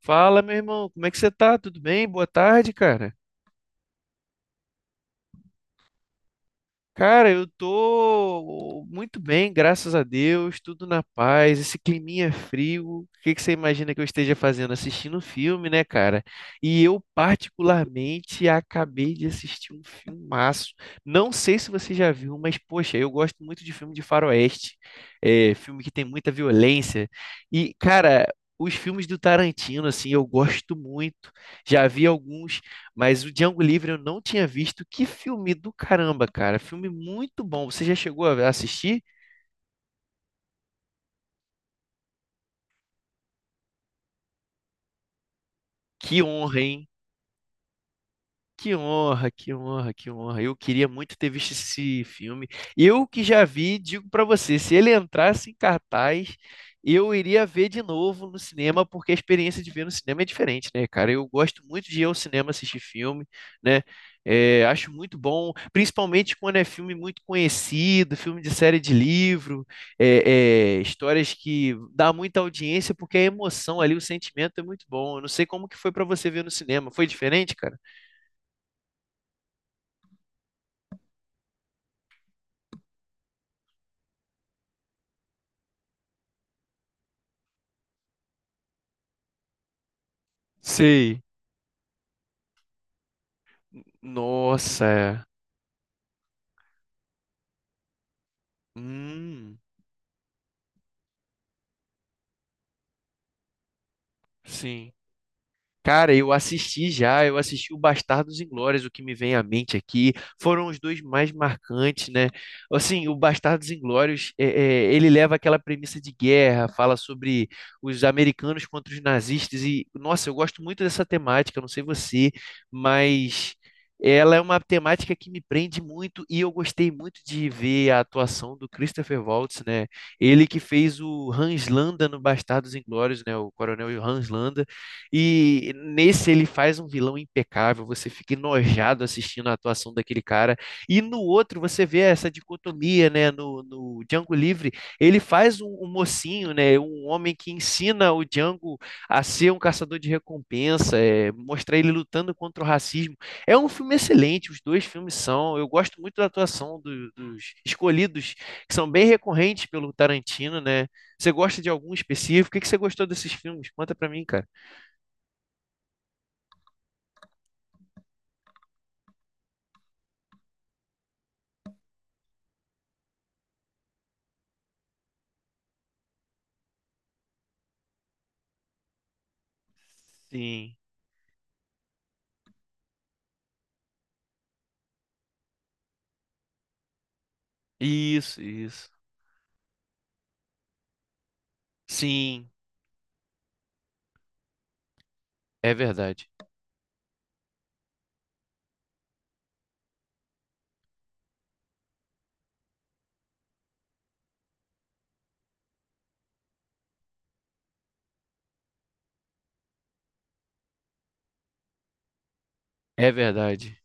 Fala, meu irmão, como é que você tá? Tudo bem? Boa tarde, cara. Cara, eu tô muito bem, graças a Deus, tudo na paz. Esse climinha frio, o que que você imagina que eu esteja fazendo? Assistindo um filme, né, cara? E eu, particularmente, acabei de assistir um filmaço. Não sei se você já viu, mas, poxa, eu gosto muito de filme de faroeste, filme que tem muita violência. E, cara, os filmes do Tarantino, assim, eu gosto muito. Já vi alguns. Mas o Django Livre eu não tinha visto. Que filme do caramba, cara. Filme muito bom. Você já chegou a assistir? Que honra, hein? Que honra, que honra, que honra. Eu queria muito ter visto esse filme. Eu que já vi, digo pra você, se ele entrasse em cartaz, eu iria ver de novo no cinema, porque a experiência de ver no cinema é diferente, né, cara? Eu gosto muito de ir ao cinema assistir filme, né? É, acho muito bom, principalmente quando é filme muito conhecido, filme de série de livro, histórias que dá muita audiência, porque a emoção ali, o sentimento é muito bom. Eu não sei como que foi pra você ver no cinema. Foi diferente, cara? Sei. Nossa, é. Hum, sim. Cara, eu assisti o Bastardos Inglórios, o que me vem à mente aqui, foram os dois mais marcantes, né? Assim, o Bastardos Inglórios, ele leva aquela premissa de guerra, fala sobre os americanos contra os nazistas, e, nossa, eu gosto muito dessa temática, não sei você, mas ela é uma temática que me prende muito, e eu gostei muito de ver a atuação do Christopher Waltz, né? Ele que fez o Hans Landa no Bastardos Inglórios, né? O coronel Hans Landa, e nesse ele faz um vilão impecável, você fica enojado assistindo a atuação daquele cara. E no outro você vê essa dicotomia, né? No Django Livre, ele faz um mocinho, né? Um homem que ensina o Django a ser um caçador de recompensa, é, mostrar ele lutando contra o racismo. É um filme excelente, os dois filmes são. Eu gosto muito da atuação dos escolhidos, que são bem recorrentes pelo Tarantino, né? Você gosta de algum específico? O que que você gostou desses filmes? Conta pra mim, cara. Sim. Isso, isso. Sim. É verdade. É verdade.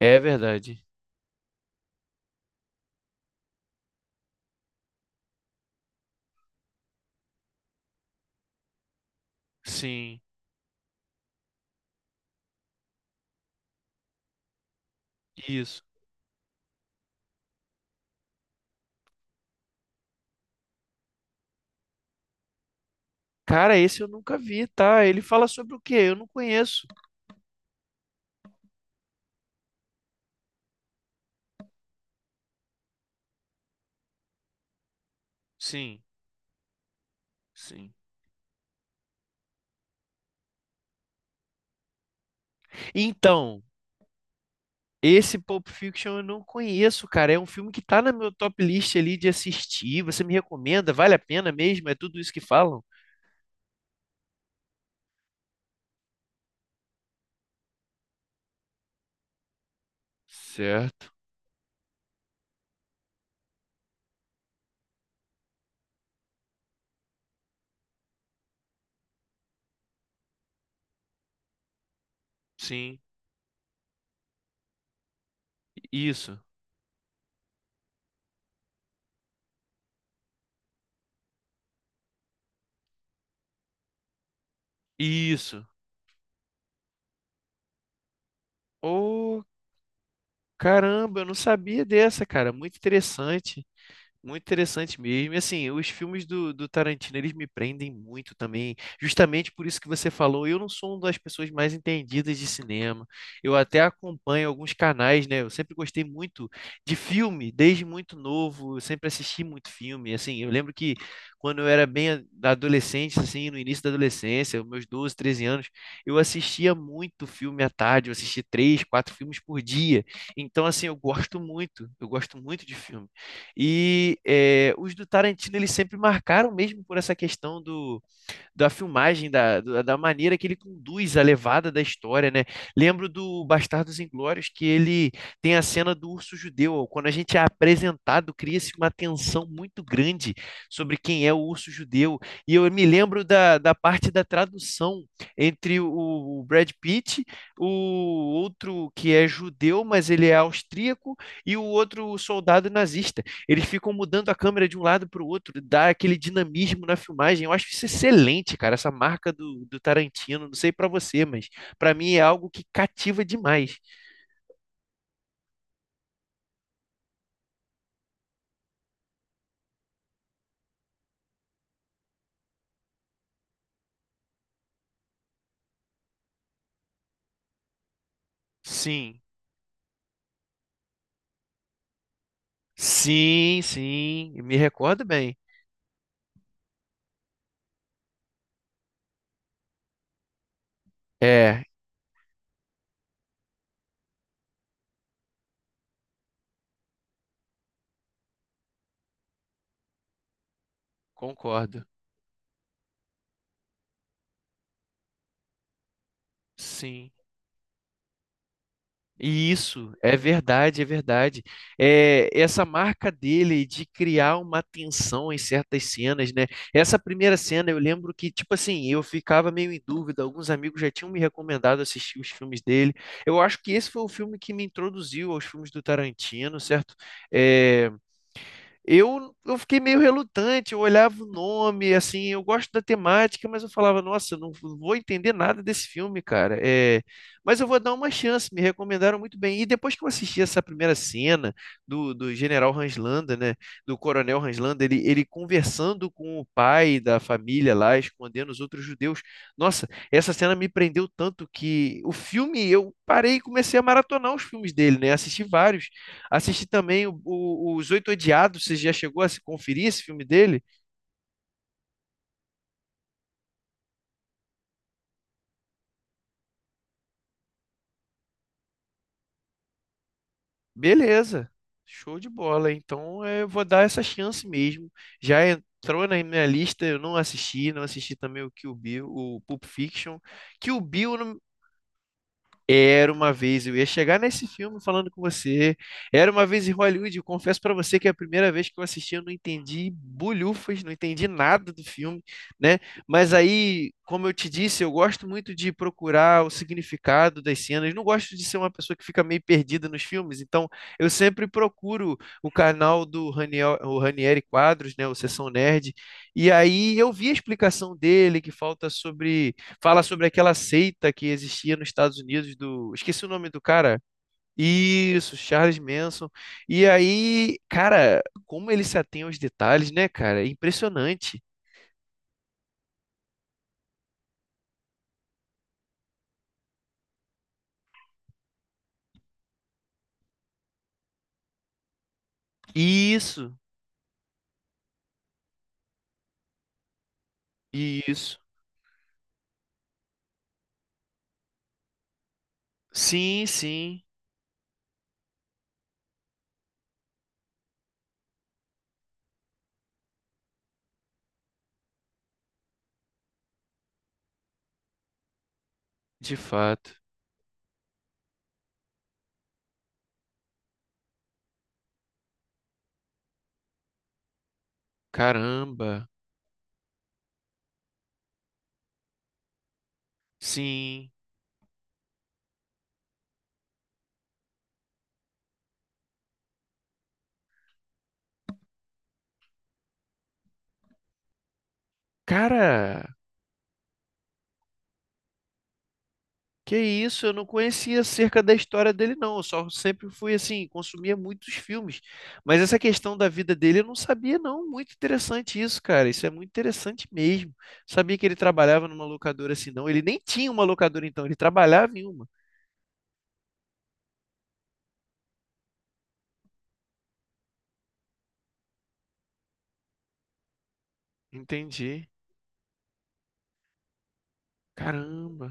É verdade. Sim. Isso. Cara, esse eu nunca vi, tá? Ele fala sobre o quê? Eu não conheço. Sim, sim. Então, esse Pulp Fiction eu não conheço, cara. É um filme que tá na meu top list ali de assistir. Você me recomenda? Vale a pena mesmo? É tudo isso que falam? Certo. Sim. Isso. Isso. Ô, caramba, eu não sabia dessa, cara. Muito interessante. Muito interessante mesmo. E assim, os filmes do Tarantino, eles me prendem muito também, justamente por isso que você falou. Eu não sou uma das pessoas mais entendidas de cinema. Eu até acompanho alguns canais, né? Eu sempre gostei muito de filme, desde muito novo. Eu sempre assisti muito filme. Assim, eu lembro que quando eu era bem da adolescente, assim, no início da adolescência, meus 12 13 anos, eu assistia muito filme à tarde. Eu assistia três, quatro filmes por dia. Então, assim, eu gosto muito. Eu gosto muito de filme. E é, os do Tarantino eles sempre marcaram mesmo por essa questão da filmagem, da maneira que ele conduz a levada da história, né? Lembro do Bastardos Inglórios que ele tem a cena do urso judeu. Quando a gente é apresentado, cria-se uma tensão muito grande sobre quem é o urso judeu. E eu me lembro da parte da tradução entre o Brad Pitt, o outro que é judeu, mas ele é austríaco, e o outro soldado nazista, eles ficam mudando a câmera de um lado para o outro, dá aquele dinamismo na filmagem. Eu acho isso excelente, cara, essa marca do Tarantino. Não sei para você, mas para mim é algo que cativa demais. Sim, sim, sim, me recordo bem. É, concordo. Sim. E isso, é verdade, é verdade. É, essa marca dele de criar uma tensão em certas cenas, né? Essa primeira cena eu lembro que, tipo assim, eu ficava meio em dúvida, alguns amigos já tinham me recomendado assistir os filmes dele. Eu acho que esse foi o filme que me introduziu aos filmes do Tarantino, certo? É, eu fiquei meio relutante, eu olhava o nome, assim, eu gosto da temática, mas eu falava, nossa, eu não vou entender nada desse filme, cara. É, mas eu vou dar uma chance, me recomendaram muito bem. E depois que eu assisti essa primeira cena do General Hans, né, do Coronel Hans, ele conversando com o pai da família lá, escondendo os outros judeus. Nossa, essa cena me prendeu tanto que o filme, eu parei e comecei a maratonar os filmes dele, né, assisti vários. Assisti também Os Oito Odiados. Você já chegou a se conferir esse filme dele? Beleza, show de bola. Então eu vou dar essa chance mesmo. Já entrou na minha lista, eu não assisti. Não assisti também o Kill Bill, o Pulp Fiction. Kill Bill, Era uma vez, eu ia chegar nesse filme falando com você. Era uma vez em Hollywood, eu confesso pra você que é a primeira vez que eu assisti, eu não entendi bulhufas, não entendi nada do filme, né? Mas aí, como eu te disse, eu gosto muito de procurar o significado das cenas. Não gosto de ser uma pessoa que fica meio perdida nos filmes, então eu sempre procuro o canal do Raniel, o Ranieri Quadros, né, o Sessão Nerd, e aí eu vi a explicação dele que falta sobre. Fala sobre aquela seita que existia nos Estados Unidos do. Esqueci o nome do cara. Isso, Charles Manson. E aí, cara, como ele se atém aos detalhes, né, cara? É impressionante. Isso, isso. Sim, sim, de fato. Caramba, sim. Cara, que isso, eu não conhecia acerca da história dele, não. Eu só sempre fui assim, consumia muitos filmes. Mas essa questão da vida dele eu não sabia, não. Muito interessante isso, cara. Isso é muito interessante mesmo. Sabia que ele trabalhava numa locadora assim, não. Ele nem tinha uma locadora, então, ele trabalhava em uma. Entendi. Caramba.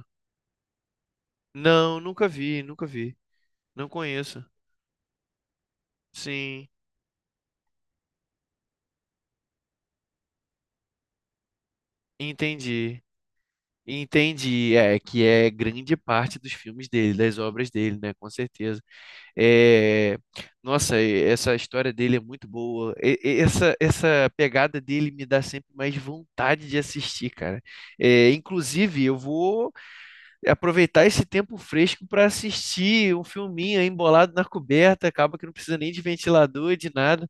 Não, nunca vi, nunca vi. Não conheço. Sim, entendi. Entendi. É, que é grande parte dos filmes dele, das obras dele, né? Com certeza. É, nossa, essa história dele é muito boa. Essa pegada dele me dá sempre mais vontade de assistir, cara. É, inclusive, eu vou aproveitar esse tempo fresco para assistir um filminho aí embolado na coberta. Acaba que não precisa nem de ventilador, de nada.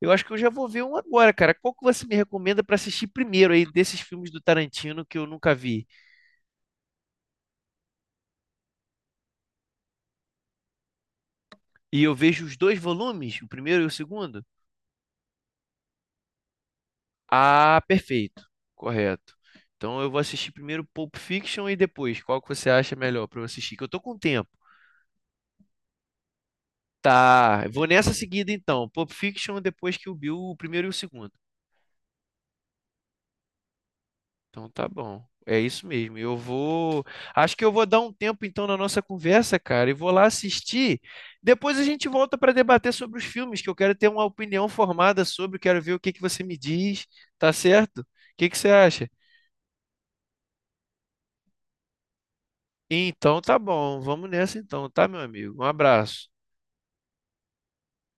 Eu acho que eu já vou ver um agora, cara. Qual que você me recomenda para assistir primeiro aí desses filmes do Tarantino que eu nunca vi? E eu vejo os dois volumes, o primeiro e o segundo? Ah, perfeito. Correto. Então eu vou assistir primeiro Pulp Fiction e depois. Qual que você acha melhor pra eu assistir? Que eu tô com tempo. Tá, eu vou nessa seguida então. Pulp Fiction, depois que o Bill, o primeiro e o segundo. Então tá bom. É isso mesmo. Eu vou. Acho que eu vou dar um tempo então na nossa conversa, cara, e vou lá assistir. Depois a gente volta para debater sobre os filmes, que eu quero ter uma opinião formada sobre, quero ver o que que você me diz, tá certo? O que que você acha? Então tá bom, vamos nessa então, tá, meu amigo? Um abraço.